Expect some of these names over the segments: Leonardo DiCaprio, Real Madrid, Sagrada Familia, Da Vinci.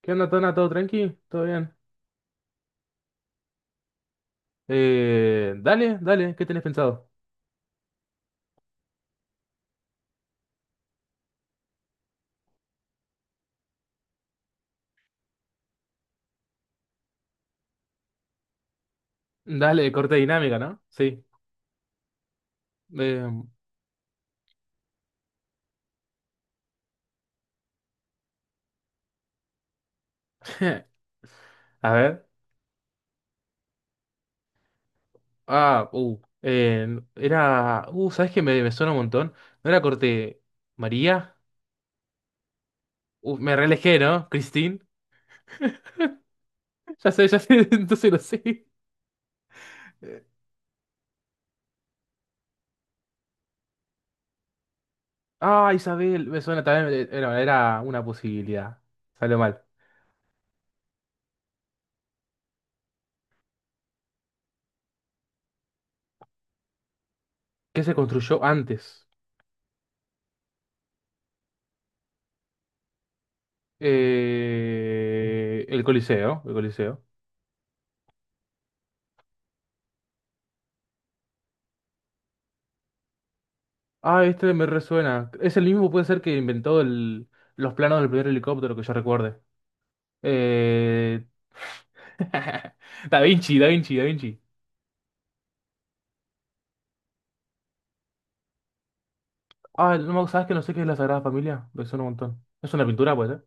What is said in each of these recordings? ¿Qué onda, Tona? ¿Todo tranqui? ¿Todo bien? Dale, ¿qué tenés pensado? Dale, corte dinámica, ¿no? Sí. Eh, a ver. Ah, era. ¿Sabes qué me suena un montón? ¿No era corte María? Me relejé, ¿no? ¿Christine? Ya sé, entonces lo sé. Ah, Isabel, me suena también. Era una posibilidad. Salió mal. ¿Qué se construyó antes? El Coliseo. Ah, este me resuena. Es el mismo, puede ser que inventó los planos del primer helicóptero que yo recuerde. Eh... Da Vinci. Ah, no, ¿sabes que no sé qué es la Sagrada Familia? Me suena un montón. ¿Es una pintura, puede ser?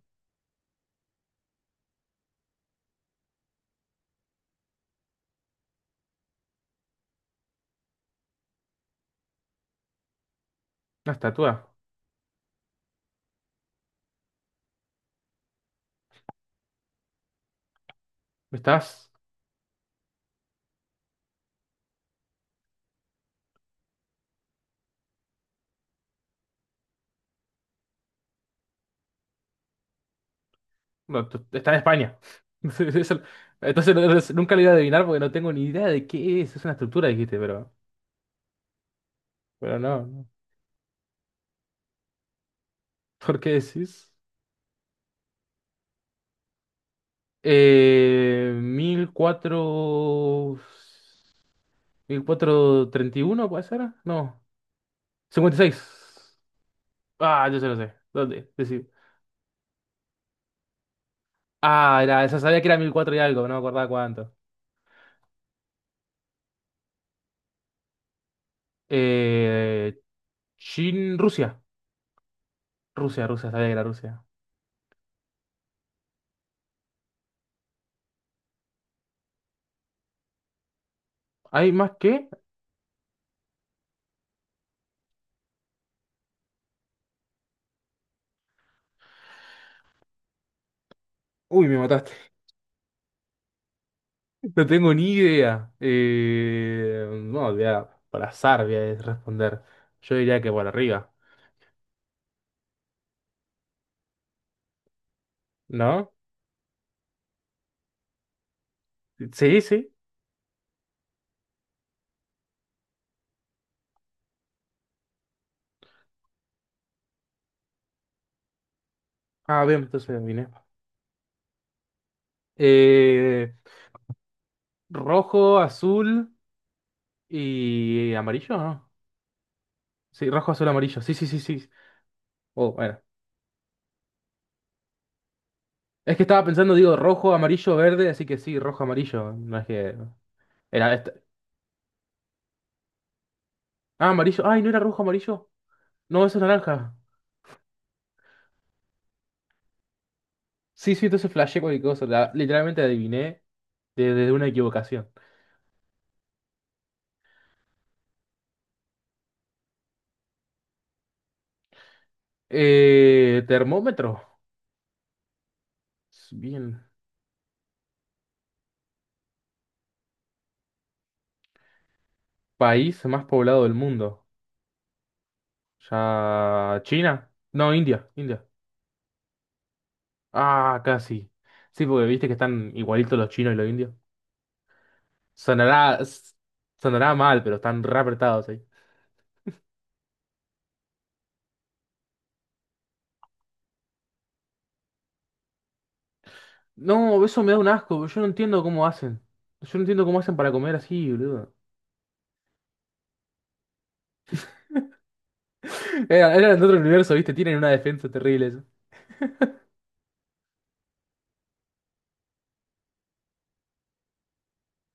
¿Una estatua? Estás... No, tú- está en España. Eso... Entonces nunca lo iba a adivinar porque no tengo ni idea de qué es. Es una estructura, dijiste, pero... Pero no, no. ¿Por qué decís? 1400... ¿El cuatrocientos treinta y uno puede ser? No. Cincuenta y seis. Ah, yo se lo sé. ¿Dónde? Decir. Ah, era, esa sabía que era 1004 y algo, no me acordaba cuánto. Eh, Chin, Rusia. Rusia, Rusia, sabía que era Rusia. ¿Hay más que? Uy, me mataste. No tengo ni idea. No, por azar voy a responder. Yo diría que por arriba, ¿no? Sí, sí. Ah, bien, entonces vine. Eh, rojo, azul y amarillo, ¿no? Sí, rojo, azul, amarillo. Sí, sí, sí, sí. Oh, bueno. Es que estaba pensando, digo, rojo, amarillo, verde, así que sí, rojo, amarillo. No es que. Era este- Ah, amarillo. Ay, ¿no era rojo, amarillo? No, eso es naranja. Sí, sí, entonces flashé cualquier cosa. Literalmente adiviné desde una equivocación. Termómetro. Bien. País más poblado del mundo. Ya. ¿China? No, India. India. Ah, casi. Sí, sí, porque viste que están igualitos los chinos y los indios. Sonará, s- sonará mal, pero están re apretados ahí. No, eso me da un asco, yo no entiendo cómo hacen. Yo no entiendo cómo hacen para comer así, boludo. Eran de otro universo, ¿viste? Tienen una defensa terrible eso.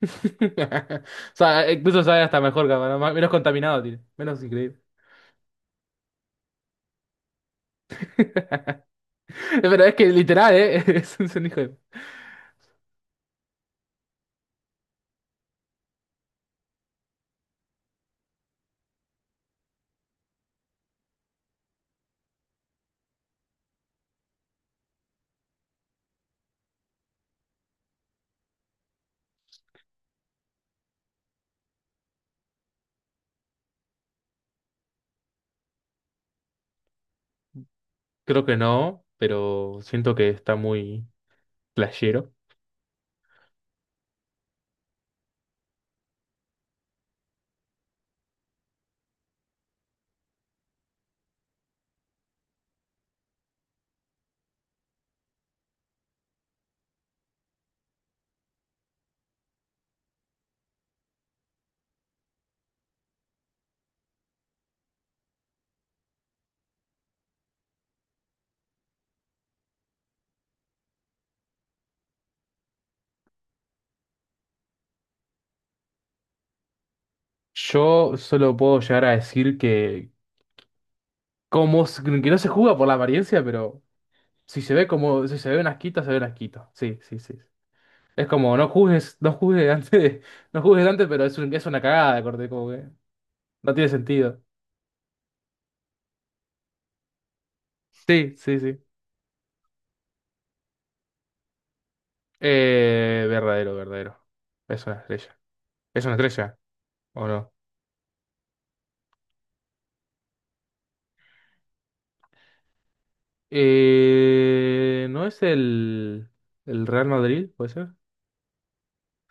O sea, incluso sabe hasta mejor, capaz, menos contaminado tiene. Menos increíble. Pero es que literal, ¿eh? Es un hijo de... Creo que no, pero siento que está muy flashero. Yo solo puedo llegar a decir que... que no se juega por la apariencia, pero... Si se ve como, si se ve una asquito, se ve una asquito. Sí, sí, sí. Es como, no juzgues, no juzgues antes, pero es una cagada de corte, como que no tiene sentido. Sí, sí, sí. Verdadero. Es una estrella. ¿Es una estrella o no? ¿No es el Real Madrid, puede ser?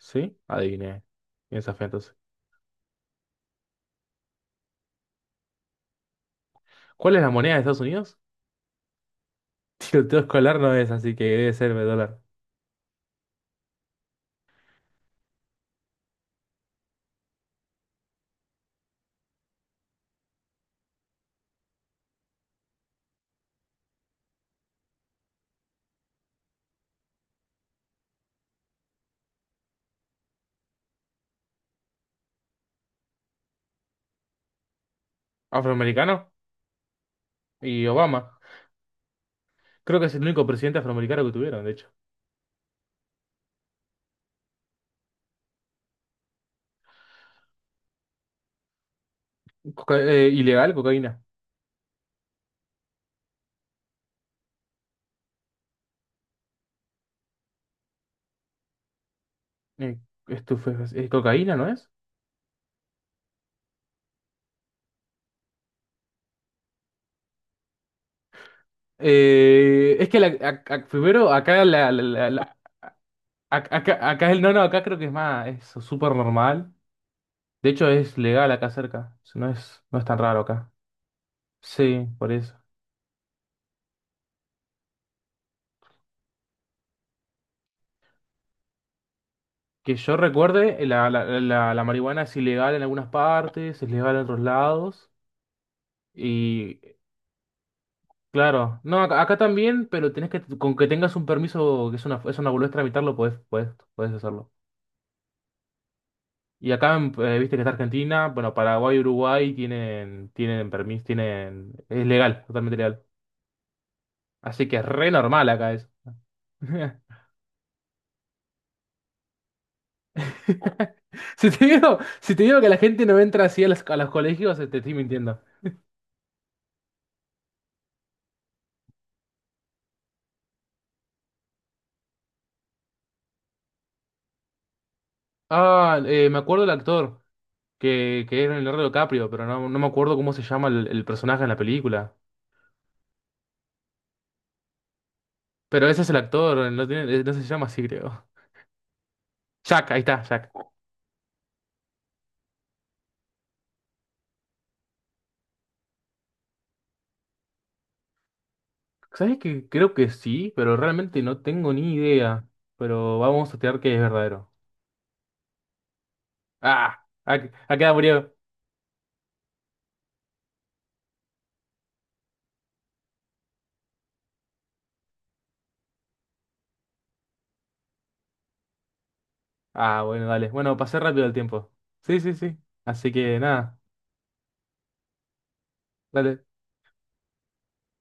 Sí, adiviné. Piensa fe entonces. ¿Cuál es la moneda de Estados Unidos? Tiroteo escolar no es, así que debe ser el dólar. ¿Afroamericano? ¿Y Obama? Creo que es el único presidente afroamericano que tuvieron, de hecho. Ilegal, cocaína. Eh, cocaína, ¿no es? Es que primero acá acá, acá el no, no, acá creo que es más, es súper normal. De hecho es legal acá cerca. O sea, no es, no es tan raro acá. Sí, por eso. Que yo recuerde, la marihuana es ilegal en algunas partes, es legal en otros lados. Claro, no, acá también, pero tenés que, con que tengas un permiso, que es es una boludez tramitarlo, podés hacerlo. Y acá, en, viste que está Argentina, bueno, Paraguay y Uruguay tienen, tienen permiso, es legal, totalmente legal. Así que es re normal acá eso. Si te digo, si te digo que la gente no entra así a a los colegios, te estoy mintiendo. Ah, me acuerdo del actor, que era Leonardo DiCaprio, pero no, no me acuerdo cómo se llama el personaje en la película. Pero ese es el actor, no tiene, no se llama así, creo. Jack, ahí está, Jack. ¿Sabes que creo que sí, pero realmente no tengo ni idea? Pero vamos a tirar que es verdadero. Ah, acá murió. Ah, bueno, dale. Bueno, pasé rápido el tiempo. Sí, sí, sí. Así que nada, dale.